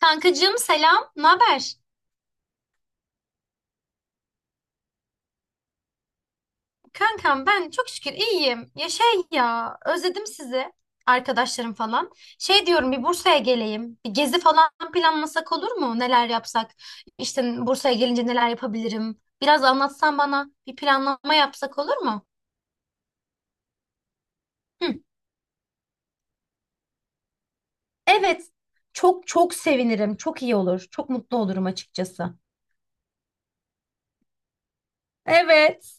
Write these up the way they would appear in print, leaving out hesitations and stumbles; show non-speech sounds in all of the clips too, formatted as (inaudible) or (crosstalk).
Kankacığım selam, ne haber? Kankam ben çok şükür iyiyim. Ya şey ya, özledim sizi, arkadaşlarım falan. Şey diyorum bir Bursa'ya geleyim. Bir gezi falan planlasak olur mu? Neler yapsak? İşte Bursa'ya gelince neler yapabilirim? Biraz anlatsan bana, bir planlama yapsak olur mu? Hı. Evet, çok çok sevinirim. Çok iyi olur. Çok mutlu olurum açıkçası. Evet.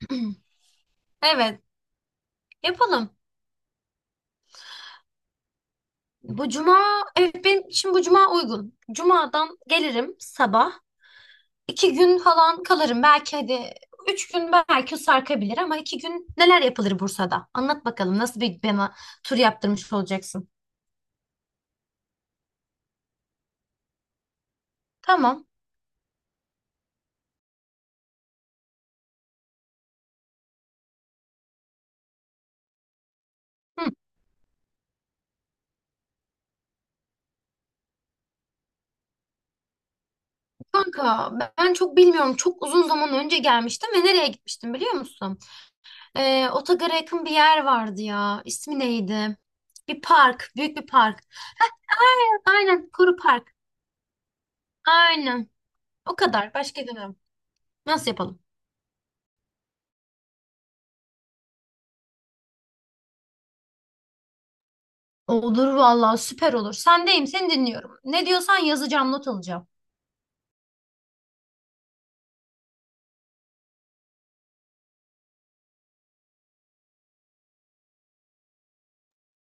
(clears throat) Evet, yapalım. Bu cuma, evet benim şimdi bu cuma uygun. Cumadan gelirim sabah. 2 gün falan kalırım. Belki hadi 3 gün belki sarkabilir ama 2 gün neler yapılır Bursa'da? Anlat bakalım nasıl bir bana tur yaptırmış olacaksın. Tamam. Hı. Kanka ben çok bilmiyorum. Çok uzun zaman önce gelmiştim ve nereye gitmiştim biliyor musun? Otogar'a yakın bir yer vardı ya. İsmi neydi? Bir park. Büyük bir park. Aynen. Koru Park. Aynen. O kadar. Başka demem. Nasıl yapalım? Olur vallahi süper olur. Sendeyim. Seni dinliyorum. Ne diyorsan yazacağım, not alacağım.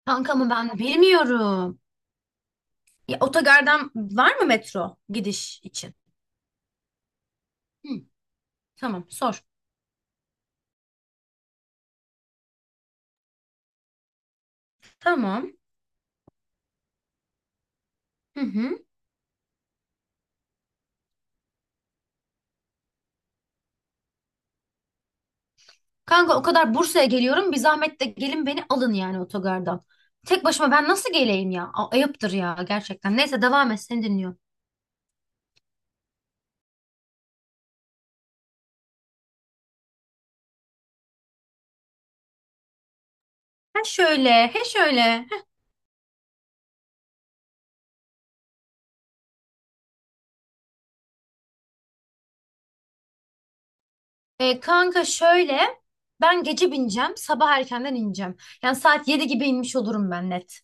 Kanka mı ben bilmiyorum. Ya, otogardan var mı metro gidiş için? Hı, tamam sor. Tamam. Hı hı. Kanka o kadar Bursa'ya geliyorum. Bir zahmet de gelin beni alın yani otogardan. Tek başıma ben nasıl geleyim ya? Ayıptır ya gerçekten. Neyse devam et seni dinliyorum. Ha şöyle, he şöyle. Heh. Kanka şöyle. Ben gece bineceğim. Sabah erkenden ineceğim. Yani saat 7 gibi inmiş olurum ben net.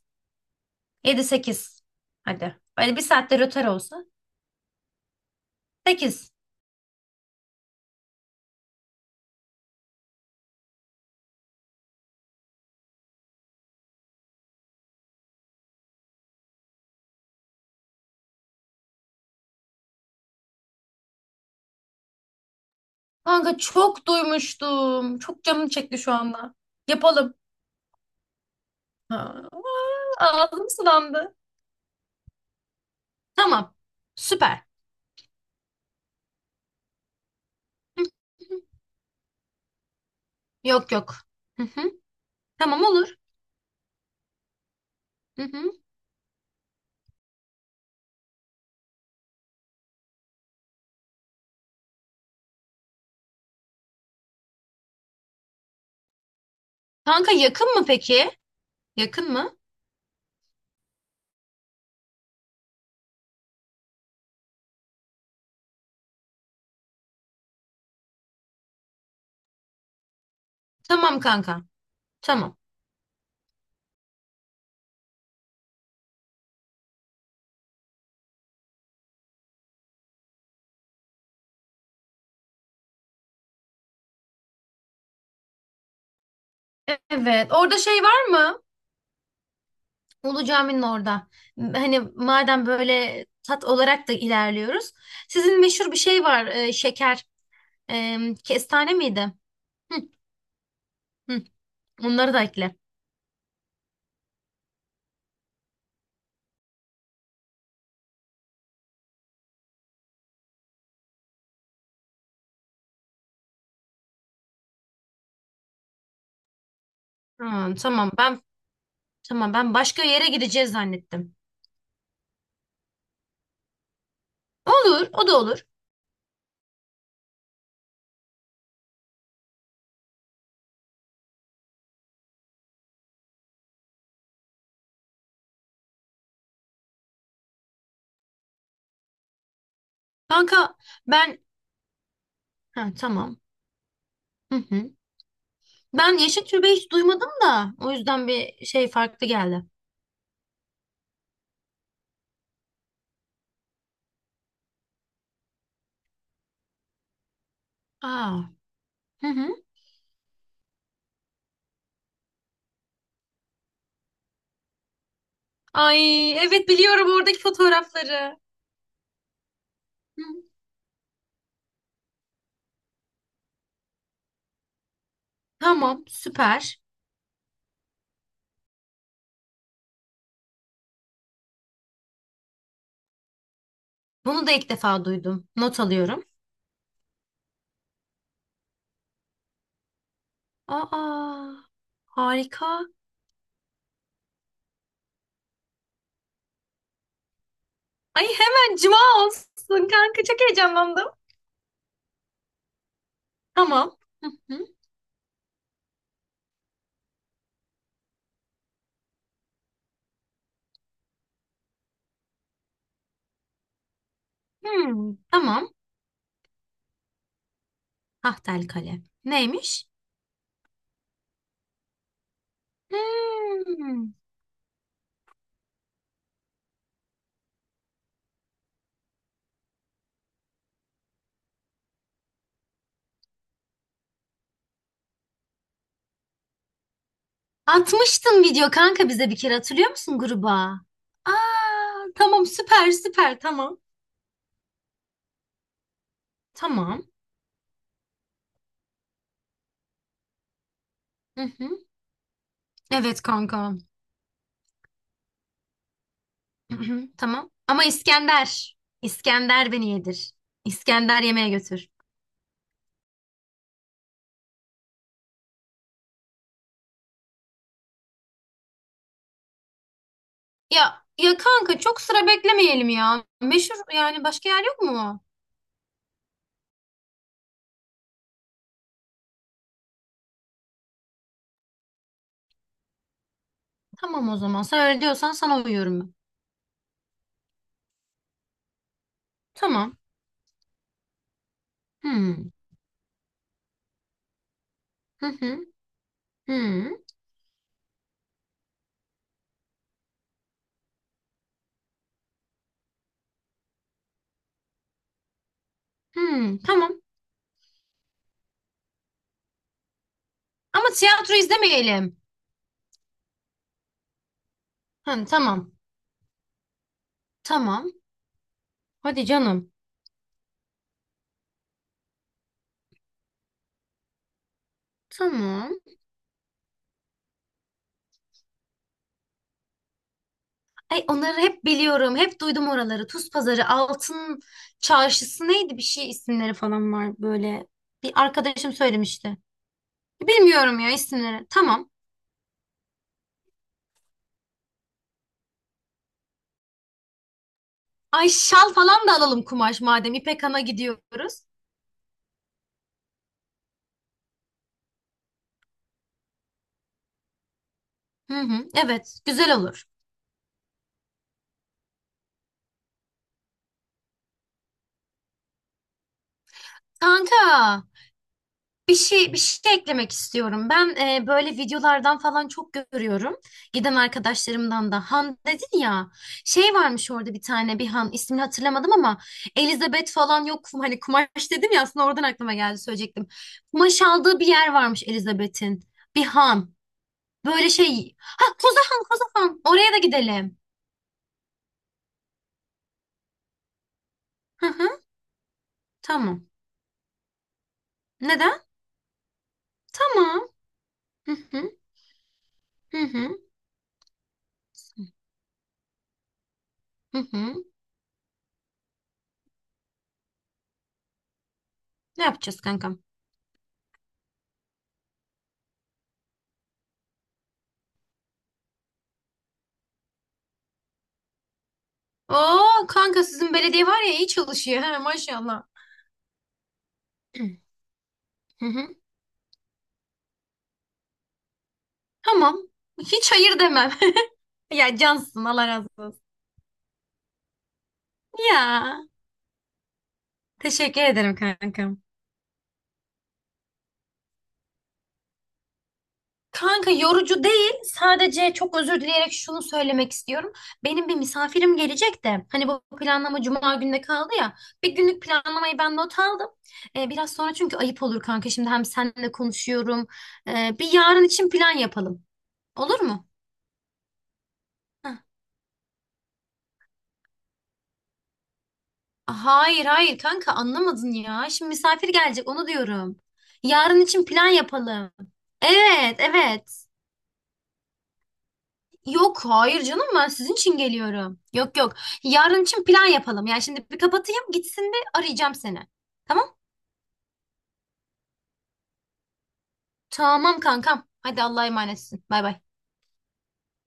7-8. Hadi. Öyle bir saatte rötar olsa. 8. Kanka çok duymuştum. Çok canım çekti şu anda. Yapalım. Ha, ağzım sulandı. Tamam. Süper. (laughs) Hı hı. Yok yok. Hı hı. Tamam olur. Hı hı. Kanka yakın mı peki? Yakın mı? Tamam kanka. Tamam. Evet. Orada şey var mı? Ulu Cami'nin orada. Hani madem böyle tat olarak da ilerliyoruz. Sizin meşhur bir şey var. Şeker. E, Kestane miydi? Hı hı. Onları da ekle. Ha, tamam. Tamam ben başka yere gideceğiz zannettim. Olur, o da olur. Kanka ben ha tamam. Hı hı. Ben yeşil türbe hiç duymadım da o yüzden bir şey farklı geldi. Aa. Hı hı. Ay evet biliyorum oradaki fotoğrafları. Hı. Tamam, süper. Bunu da ilk defa duydum. Not alıyorum. Aa. Harika. Ay hemen cuma olsun kanka çok heyecanlandım. Tamam. Hı hı. Hmm, tamam. Tahtel Kale. Neymiş? Hmm. Atmıştın video kanka bize bir kere hatırlıyor musun gruba? Aa, tamam süper süper tamam. Tamam. Hı hı. Evet kanka. Hı hı, tamam. Ama İskender. İskender beni yedir. İskender yemeğe götür. Ya ya kanka çok sıra beklemeyelim ya. Meşhur yani başka yer yok mu? Tamam o zaman. Sen öyle diyorsan sana uyuyorum ben. Tamam. Hmm. Hı hı. Hmm. Hmm. Tamam. Ama tiyatro izlemeyelim. Hı, tamam. Tamam. Hadi canım. Tamam. Ay onları hep biliyorum. Hep duydum oraları. Tuz Pazarı, Altın Çarşısı neydi bir şey isimleri falan var böyle. Bir arkadaşım söylemişti. Bilmiyorum ya isimleri. Tamam. Ay şal falan da alalım kumaş madem İpek Han'a gidiyoruz. Hı hı. Evet, güzel olur. Kanka. Bir şey eklemek istiyorum. Ben böyle videolardan falan çok görüyorum. Giden arkadaşlarımdan da Han dedin ya. Şey varmış orada bir tane bir Han ismini hatırlamadım ama Elizabeth falan yok. Hani kumaş dedim ya aslında oradan aklıma geldi söyleyecektim. Kumaş aldığı bir yer varmış Elizabeth'in. Bir Han. Böyle şey. Ha Koza Han Koza Han. Oraya da gidelim. Hı hı. Tamam. Neden? Tamam. Hı hı. Hı hı. Hı hı. Ne yapacağız kanka? Oo kanka sizin belediye var ya iyi çalışıyor. He maşallah. (clears throat) Hı hı. Tamam. Hiç hayır demem. (laughs) Ya cansın Allah razı olsun. Ya teşekkür ederim kankam. Kanka yorucu değil. Sadece çok özür dileyerek şunu söylemek istiyorum. Benim bir misafirim gelecek de. Hani bu planlama cuma günde kaldı ya. Bir günlük planlamayı ben not aldım. Biraz sonra çünkü ayıp olur kanka. Şimdi hem seninle konuşuyorum. Bir yarın için plan yapalım. Olur mu? Hayır hayır kanka anlamadın ya. Şimdi misafir gelecek onu diyorum. Yarın için plan yapalım. Evet evet. Yok hayır canım ben sizin için geliyorum. Yok yok. Yarın için plan yapalım. Yani şimdi bir kapatayım gitsin bir arayacağım seni. Tamam? Tamam kankam. Hadi Allah'a emanetsin. Bay bay.